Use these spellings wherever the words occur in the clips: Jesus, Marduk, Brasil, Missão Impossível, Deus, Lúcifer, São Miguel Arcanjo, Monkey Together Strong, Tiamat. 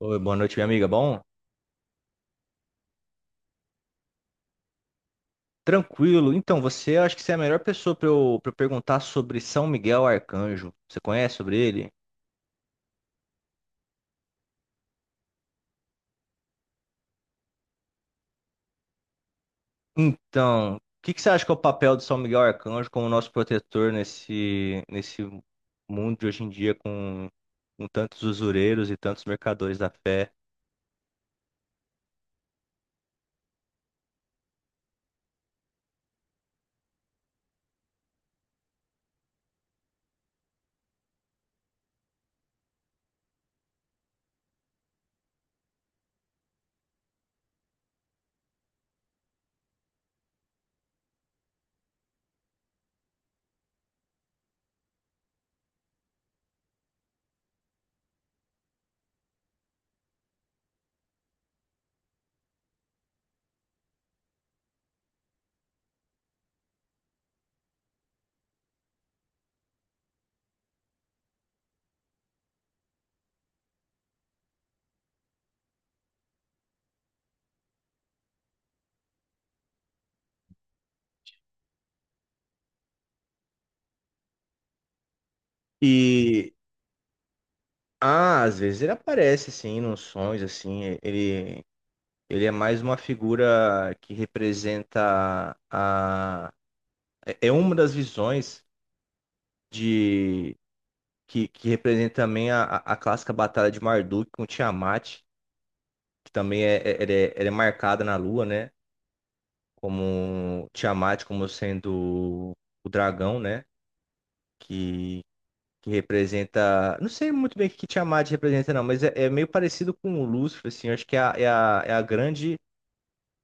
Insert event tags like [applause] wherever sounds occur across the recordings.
Oi, boa noite, minha amiga. Bom, tranquilo. Então, você acho que você é a melhor pessoa para perguntar sobre São Miguel Arcanjo. Você conhece sobre ele? Então, o que que você acha que é o papel de São Miguel Arcanjo como nosso protetor nesse mundo de hoje em dia com tantos usureiros e tantos mercadores da fé? E, Às vezes ele aparece, assim, nos sonhos, assim, ele é mais uma figura que representa a... É uma das visões de que representa também a clássica batalha de Marduk com Tiamat, que também ela é marcada na Lua, né? Como Tiamat como sendo o dragão, né? Que, que representa. Não sei muito bem o que que Tiamat representa, não, mas é meio parecido com o Lúcifer, assim. Eu acho que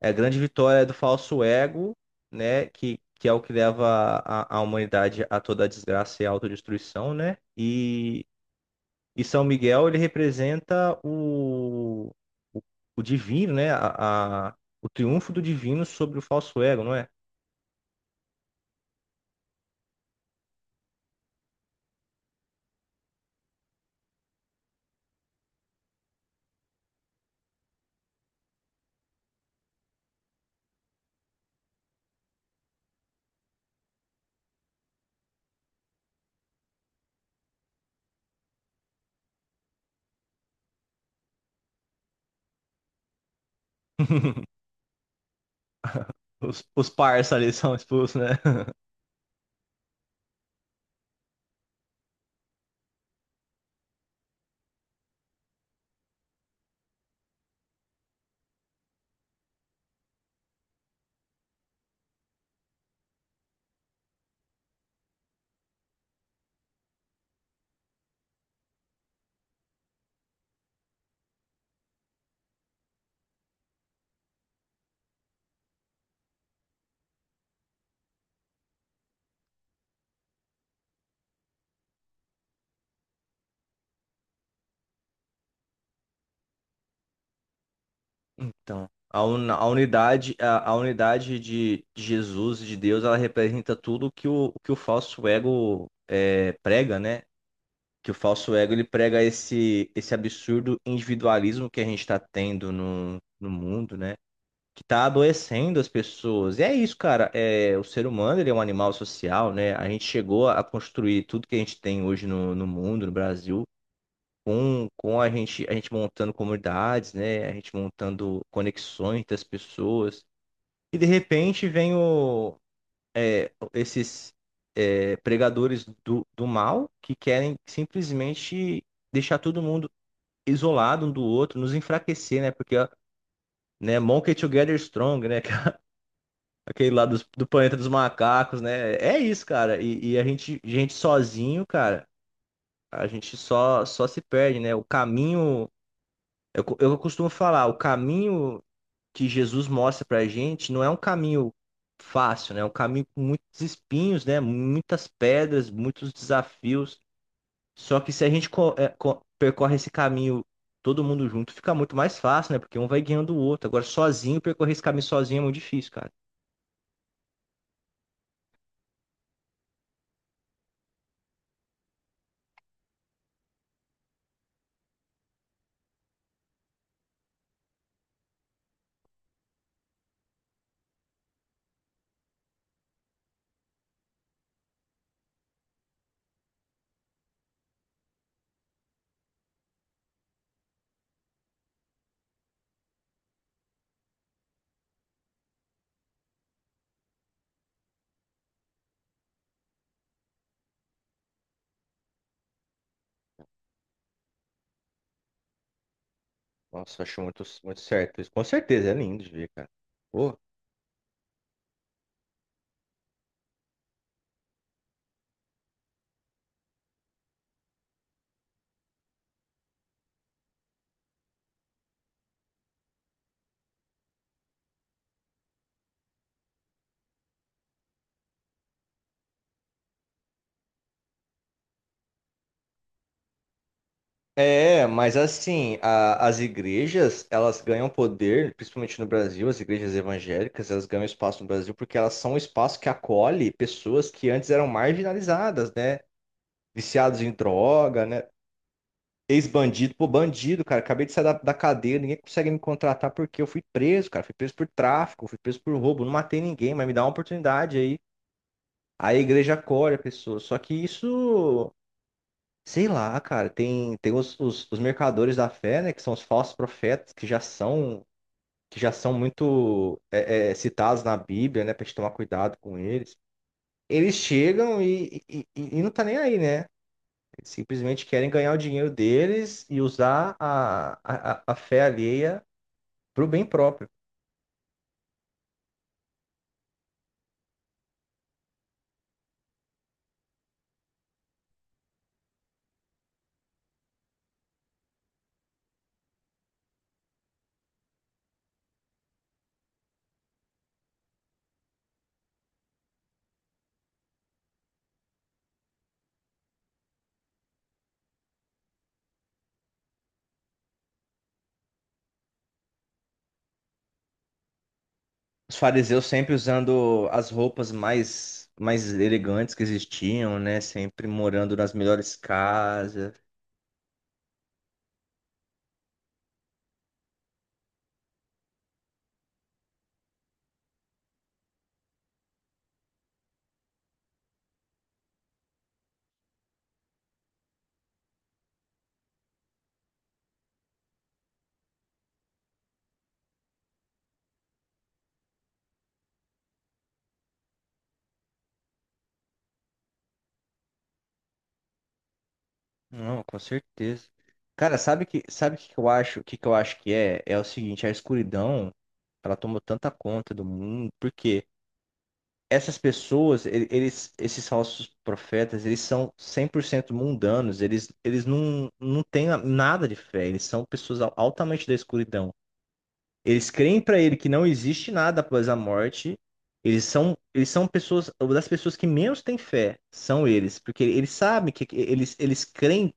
é a grande vitória do falso ego, né? Que é o que leva a humanidade a toda a desgraça e a autodestruição, né? E São Miguel, ele representa o, o divino, né? O triunfo do divino sobre o falso ego, não é? [laughs] Os parça ali são expulsos, né? [laughs] Então, a, un- a unidade de Jesus, e de Deus, ela representa tudo que que o falso ego é, prega, né? Que o falso ego ele prega esse absurdo individualismo que a gente está tendo no mundo, né? Que tá adoecendo as pessoas. E é isso, cara. É, o ser humano, ele é um animal social, né? A gente chegou a construir tudo que a gente tem hoje no mundo, no Brasil, com a gente montando comunidades, né? A gente montando conexões das pessoas. E de repente vem o, esses pregadores do mal que querem simplesmente deixar todo mundo isolado um do outro, nos enfraquecer, né? Porque, né, Monkey Together Strong, né? Aquele lá do planeta dos macacos, né? É isso, cara. E a gente, gente sozinho, cara, a gente só se perde, né? O caminho, eu, co- Eu costumo falar, o caminho que Jesus mostra pra gente não é um caminho fácil, né? É um caminho com muitos espinhos, né? Muitas pedras, muitos desafios. Só que se a gente percorre esse caminho todo mundo junto, fica muito mais fácil, né? Porque um vai guiando o outro. Agora, sozinho, percorrer esse caminho sozinho é muito difícil, cara. Nossa, acho muito, muito certo isso. Com certeza, é lindo de ver, cara. Pô. É, mas assim, as igrejas, elas ganham poder, principalmente no Brasil, as igrejas evangélicas, elas ganham espaço no Brasil porque elas são um espaço que acolhe pessoas que antes eram marginalizadas, né? Viciados em droga, né? Ex-bandido, pô, bandido, cara. Acabei de sair da cadeia, ninguém consegue me contratar porque eu fui preso, cara. Fui preso por tráfico, fui preso por roubo, não matei ninguém, mas me dá uma oportunidade aí. Aí a igreja acolhe a pessoa. Só que isso. Sei lá, cara, tem os mercadores da fé, né, que são os falsos profetas, que já são muito citados na Bíblia, né, pra gente tomar cuidado com eles. Eles chegam e não tá nem aí, né? Eles simplesmente querem ganhar o dinheiro deles e usar a fé alheia pro bem próprio. Os fariseus sempre usando as roupas mais, mais elegantes que existiam, né, sempre morando nas melhores casas. Não, com certeza. Cara, sabe que sabe o que que eu acho? O que que eu acho que é? É o seguinte, a escuridão, ela tomou tanta conta do mundo, porque essas pessoas, esses falsos profetas, eles são 100% mundanos, eles não têm nada de fé, eles são pessoas altamente da escuridão. Eles creem pra ele que não existe nada após a morte. Eles são pessoas, uma das pessoas que menos têm fé, são eles, porque eles sabem que eles creem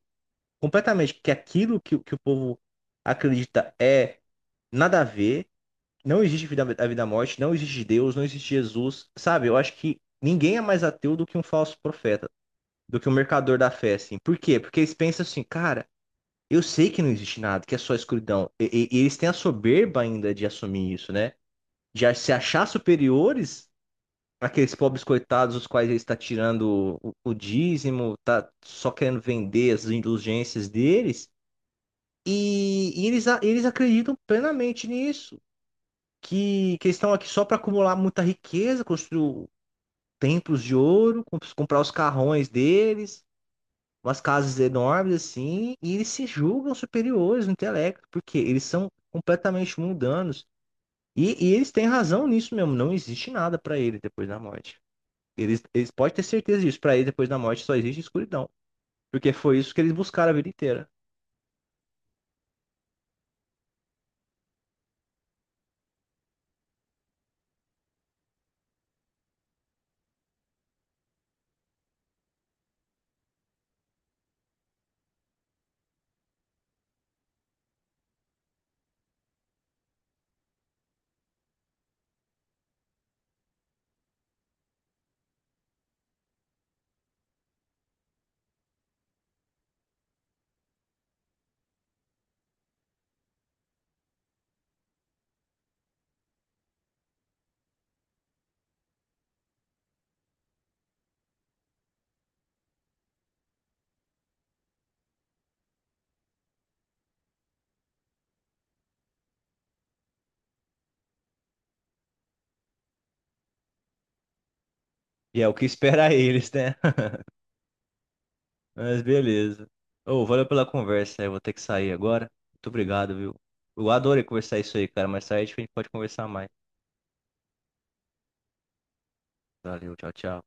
completamente que aquilo que o povo acredita é nada a ver, não existe vida, a vida à morte, não existe Deus, não existe Jesus, sabe? Eu acho que ninguém é mais ateu do que um falso profeta, do que um mercador da fé, assim. Por quê? Porque eles pensam assim, cara, eu sei que não existe nada, que é só escuridão. E eles têm a soberba ainda de assumir isso, né? De se achar superiores àqueles pobres coitados, os quais ele está tirando o dízimo, tá só querendo vender as indulgências deles. E eles, eles acreditam plenamente nisso, que eles estão aqui só para acumular muita riqueza, construir templos de ouro, comprar os carrões deles, umas casas enormes assim, e eles se julgam superiores no intelecto, porque eles são completamente mundanos. E eles têm razão nisso mesmo, não existe nada para eles depois da morte. Eles podem ter certeza disso, para eles depois da morte só existe escuridão, porque foi isso que eles buscaram a vida inteira. E é o que [laughs] espera eles, né? Mas beleza. Ô, valeu pela conversa, eu vou ter que sair agora. Muito obrigado, viu? Eu adorei conversar isso aí, cara. Mais tarde a gente pode conversar mais. Valeu, tchau, tchau.